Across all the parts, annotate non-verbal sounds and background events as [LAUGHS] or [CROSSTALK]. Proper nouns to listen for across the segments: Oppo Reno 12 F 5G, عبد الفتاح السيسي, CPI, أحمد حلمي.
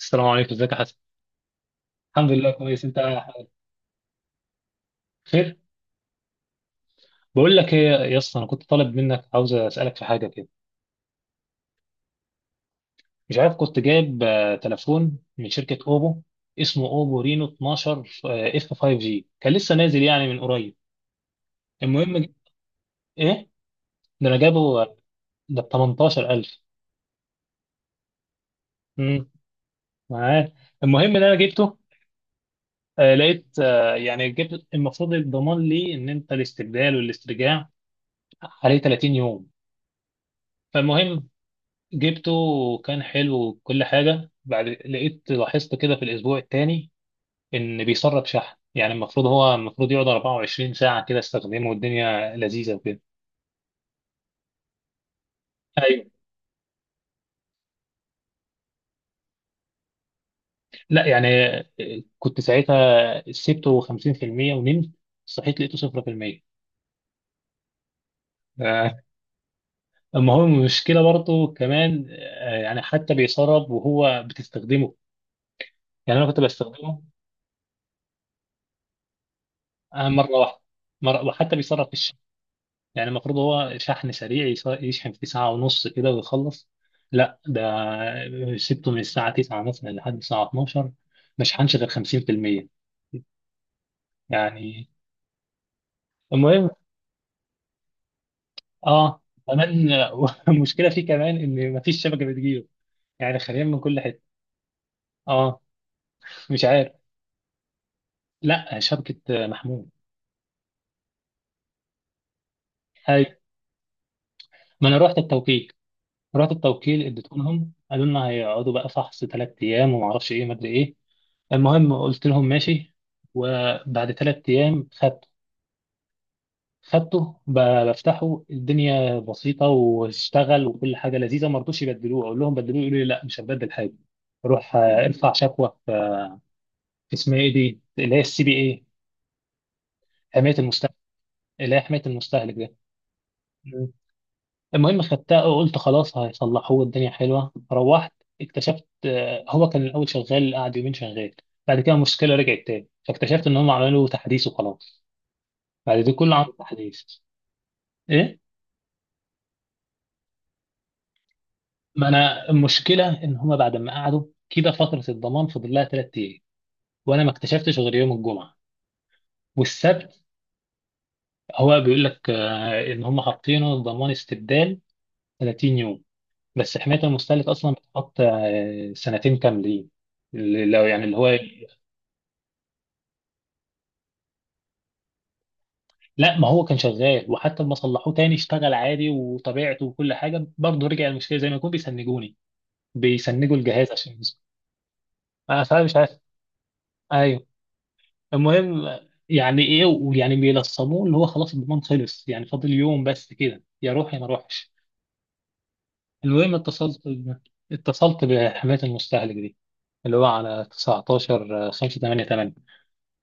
السلام عليكم، ازيك يا حسن؟ الحمد لله، كويس. انت خير؟ بقول لك ايه يا اسطى، انا كنت طالب منك، عاوز اسالك في حاجه كده. مش عارف، كنت جايب تليفون من شركه اوبو. اسمه اوبو رينو 12 اف 5 جي، كان لسه نازل يعني من قريب. المهم ايه. ده انا جابه. ده ب 18,000. امم معاك؟ المهم ان انا جبته، لقيت يعني جبت المفروض الضمان ليه ان انت الاستبدال والاسترجاع عليه 30 يوم. فالمهم جبته، وكان حلو وكل حاجة. بعد لقيت، لاحظت كده في الأسبوع التاني إن بيسرب شحن. يعني المفروض، هو المفروض يقعد 24 ساعة كده استخدمه والدنيا لذيذة وكده. أيوه. لا يعني، كنت ساعتها سبته 50% ونمت، صحيت لقيته 0% آه، أما هو المشكلة برضه كمان، يعني حتى بيسرب وهو بتستخدمه. يعني أنا كنت بستخدمه، مرة واحدة. مرة، وحتى بيسرب في. يعني المفروض هو شحن سريع، يشحن في ساعة ونص كده ويخلص. لا ده، سبته من الساعة 9 مثلا لحد الساعة 12 ما شحنش غير 50% يعني. المهم، اه كمان [LAUGHS] المشكلة فيه كمان ان ما فيش شبكة بتجيله. يعني خلينا من كل حتة. اه. مش عارف. لا، شبكة محمود. هاي، ما انا رحت التوكيل، رحت التوكيل اديتهم لهم، قالوا لنا هيقعدوا بقى فحص 3 ايام وما اعرفش ايه ما ادري ايه. المهم قلت لهم ماشي. وبعد 3 ايام خدته، خدته ب- بفتحه، الدنيا بسيطه واشتغل وكل حاجه لذيذه. ما رضوش يبدلوه، اقول لهم بدلوه يقولوا لي لا مش هبدل حاجه. روح ارفع شكوى في اسمها ايه دي، اللي هي السي بي اي، حمايه المستهلك، اللي هي حمايه المستهلك ده. مم. المهم خدتها وقلت خلاص هيصلحوه الدنيا حلوه، روحت اكتشفت هو كان الاول شغال، قعد يومين شغال. بعد كده المشكله رجعت تاني، فاكتشفت ان هم عملوا تحديث وخلاص. بعد ده كله عملوا تحديث. ايه. ما انا المشكله ان هما بعد ما قعدوا كده، فتره الضمان فضل لها 3 ايام، وانا ما اكتشفتش غير يوم الجمعه والسبت. هو بيقول لك ان هما حاطينه ضمان استبدال 30 يوم، بس حمايه المستهلك اصلا بتحط سنتين كاملين. لو يعني اللي هو. لا، ما هو كان شغال، وحتى لما صلحوه تاني اشتغل عادي وطبيعته، وكل حاجه برضه رجع المشكله، زي ما يكون بيسنجوني، بيسنجوا الجهاز عشان يسمع. فمش عارف. ايوه. المهم يعني ايه، ويعني بيلصموه اللي هو خلاص الضمان خلص، يعني فاضل يوم بس كده، يا روح يا ما اروحش. المهم اتصلت، بحماية المستهلك دي اللي هو على 19 5 8 8.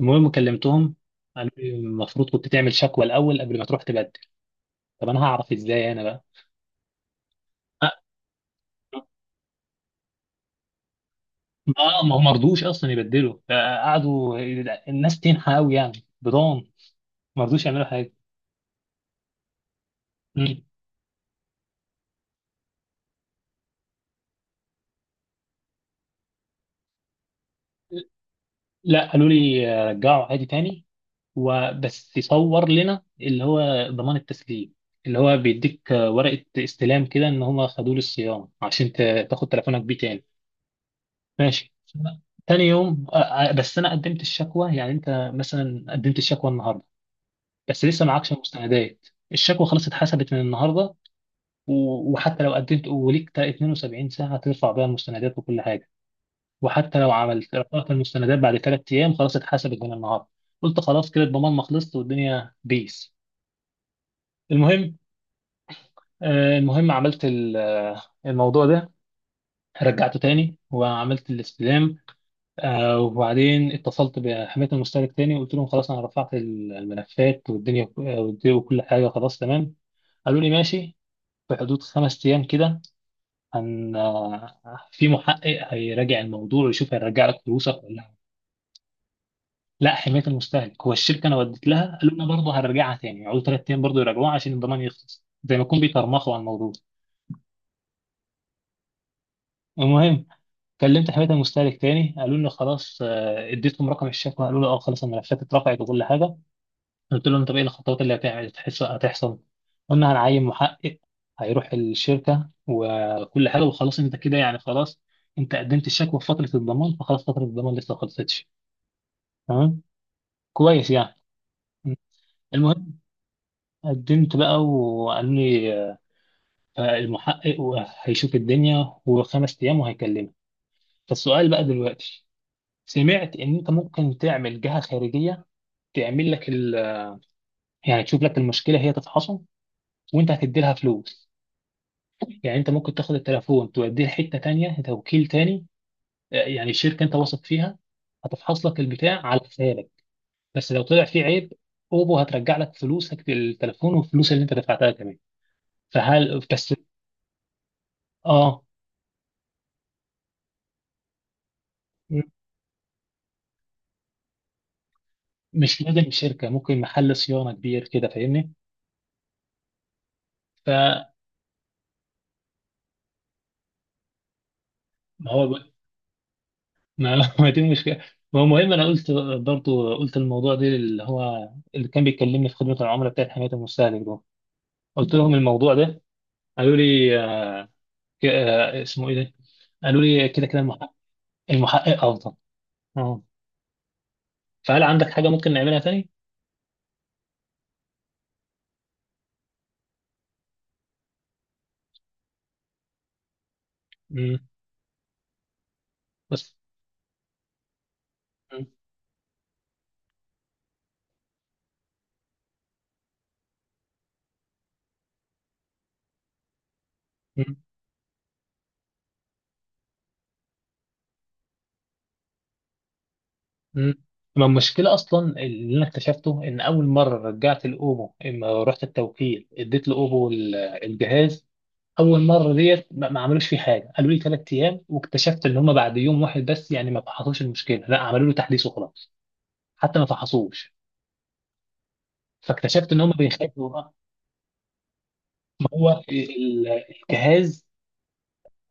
المهم كلمتهم، قالوا لي المفروض كنت تعمل شكوى الاول قبل ما تروح تبدل. طب انا هعرف ازاي انا بقى؟ اه، ما هو مرضوش اصلا يبدلوا، قعدوا الناس تنحى قوي يعني، بضان مرضوش يعملوا حاجه. مم. لا قالوا لي رجعوا عادي تاني، وبس يصور لنا اللي هو ضمان التسليم، اللي هو بيديك ورقة استلام كده ان هم خدوه للصيانة، عشان تاخد تليفونك بيه تاني. ماشي. تاني يوم، بس انا قدمت الشكوى، يعني انت مثلا قدمت الشكوى النهارده بس لسه معكش مستندات، الشكوى خلاص اتحسبت من النهارده. وحتى لو قدمت وليك 72 ساعة ترفع بيها المستندات وكل حاجة. وحتى لو عملت رفعت المستندات بعد 3 ايام، خلاص اتحسبت من النهارده. قلت خلاص كده الضمان ما خلصت والدنيا بيس. المهم المهم عملت الموضوع ده، رجعته تاني وعملت الاستلام. وبعدين اتصلت بحماية المشترك تاني، وقلت لهم خلاص انا رفعت الملفات، والدنيا والدنيا وكل حاجة خلاص تمام. قالوا لي ماشي. في حدود 5 ايام كده هن آه، في محقق هيراجع الموضوع ويشوف، هيرجع لك فلوسك ولا لا. لا، حماية المستهلك هو الشركة انا وديت لها، قالوا لنا برضه هنرجعها تاني، يقعدوا 3 ايام برضه يراجعوها عشان الضمان يخلص، زي ما يكون بيترمخوا على الموضوع. المهم كلمت حمايه المستهلك تاني، قالوا لي خلاص، اديتهم رقم الشكوى، قالوا لي اه خلاص الملفات اترفعت وكل حاجه. قلت لهم طب ايه الخطوات اللي هتعمل، هتحصل. قلنا هنعين محقق هيروح الشركه وكل حاجه، وخلاص انت كده يعني خلاص، انت قدمت الشكوى في فتره الضمان فخلاص، فتره الضمان لسه ما خلصتش. تمام، كويس يعني. المهم قدمت بقى، وقالوا لي المحقق هيشوف الدنيا، وخمس ايام وهيكلمك. فالسؤال بقى دلوقتي، سمعت ان انت ممكن تعمل جهه خارجيه، تعمل لك يعني تشوف لك المشكله هي تتحصل، وانت هتدي لها فلوس. يعني انت ممكن تاخد التليفون توديه لحته تانية، توكيل تاني، يعني شركه انت واثق فيها، هتفحص لك البتاع على حسابك. بس لو طلع فيه عيب، اوبو هترجع لك فلوسك للتليفون، والفلوس اللي انت دفعتها كمان. فهل بس. اه مش لازم شركه، ممكن محل صيانه كبير كده فاهمني. فهو ما [LAUGHS] ما دي المشكله. ما هو المهم انا قلت، برضو قلت الموضوع ده، اللي هو اللي كان بيكلمني في خدمه العملاء بتاعت حمايه المستهلك ده، قلت لهم الموضوع ده. قالوا لي اسمه ايه ده؟ قالوا لي كده كده، المحقق افضل. اه. فهل عندك حاجه ممكن نعملها تاني؟ امم بس. مم. مم. مم. ما المشكله اصلا اللي انا اكتشفته، ان اول مره رجعت الاوبو اما رحت التوكيل، اديت لاوبو الجهاز. اول مره ديت ما عملوش فيه حاجه، قالوا لي 3 ايام، واكتشفت ان هم بعد يوم واحد بس يعني ما فحصوش المشكله، لا عملوا له تحديث وخلاص. حتى ما فحصوش. فاكتشفت ان هم بيخافوا بقى. ما هو الجهاز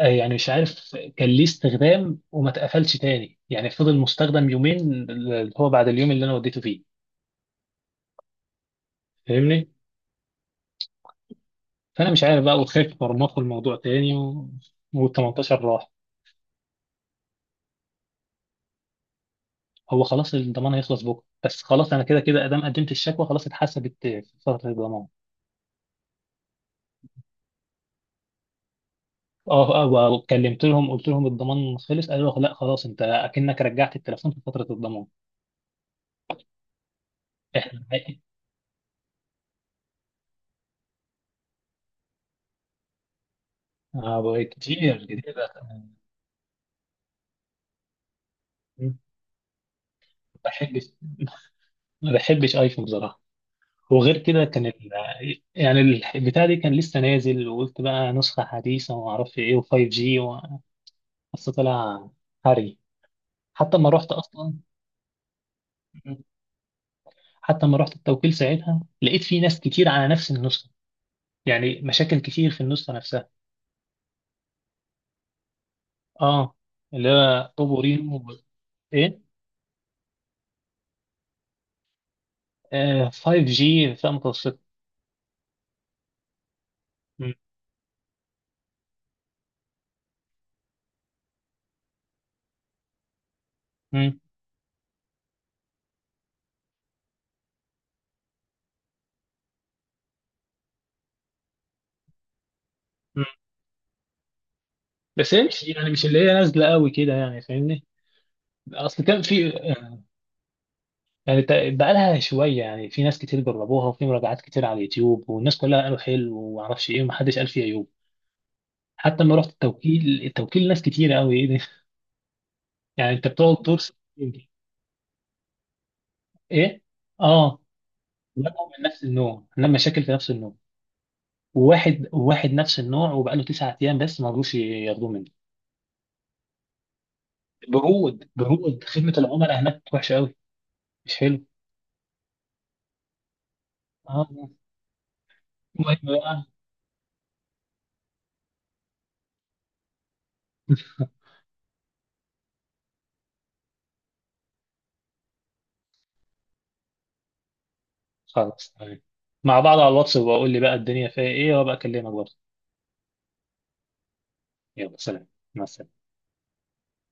يعني مش عارف كان ليه استخدام وما اتقفلش تاني، يعني فضل مستخدم يومين، اللي هو بعد اليوم اللي انا وديته فيه. فاهمني. فانا مش عارف بقى، وخايف مرمطوا الموضوع تاني. وال18 راح. هو خلاص الضمان هيخلص بكره، بس خلاص انا كده كده ادام قدمت الشكوى، خلاص اتحسبت في فتره الضمان. اه، اه. وكلمت لهم قلت لهم الضمان خلص، قالوا لا خلاص، انت اكنك رجعت التليفون في فتره الضمان. احنا حقيقي اه بقى كتير كتير. ما بحبش ما بحبش ايفون بصراحه. وغير كده كان. يعني البتاع دي كان لسه نازل، وقلت بقى نسخه حديثه وما اعرفش ايه و5 جي. بس طلع هري. حتى ما رحت اصلا، حتى ما رحت التوكيل ساعتها، لقيت في ناس كتير على نفس النسخه، يعني مشاكل كتير في النسخه نفسها. اه، اللي هو طب ورينو. ايه. 5G فئة متوسطة. مم. مم. مم. بس هي مش اللي هي نازلة قوي كده يعني فاهمني. اصل كان في، يعني بقالها شوية، يعني في ناس كتير جربوها، وفي مراجعات كتير على اليوتيوب، والناس كلها قالوا حلو ومعرفش ايه، ومحدش قال فيه عيوب. حتى لما رحت التوكيل، ناس كتير قوي. ايه ده؟ [LAUGHS] يعني انت بتقعد طول سنتين. ايه. اه، كلهم من نفس النوع، عندنا مشاكل في نفس النوع. وواحد واحد نفس النوع، وبقاله 9 ايام بس ما رضوش ياخدوه منه. برود، برود، خدمة العملاء هناك وحشة أوي. مش حلو. اه، المهم بقى. خلاص تمام، مع بعض على الواتس، وبقول لي بقى الدنيا فيها إيه وأبقى أكلمك برضه. يلا سلام. مع السلامة.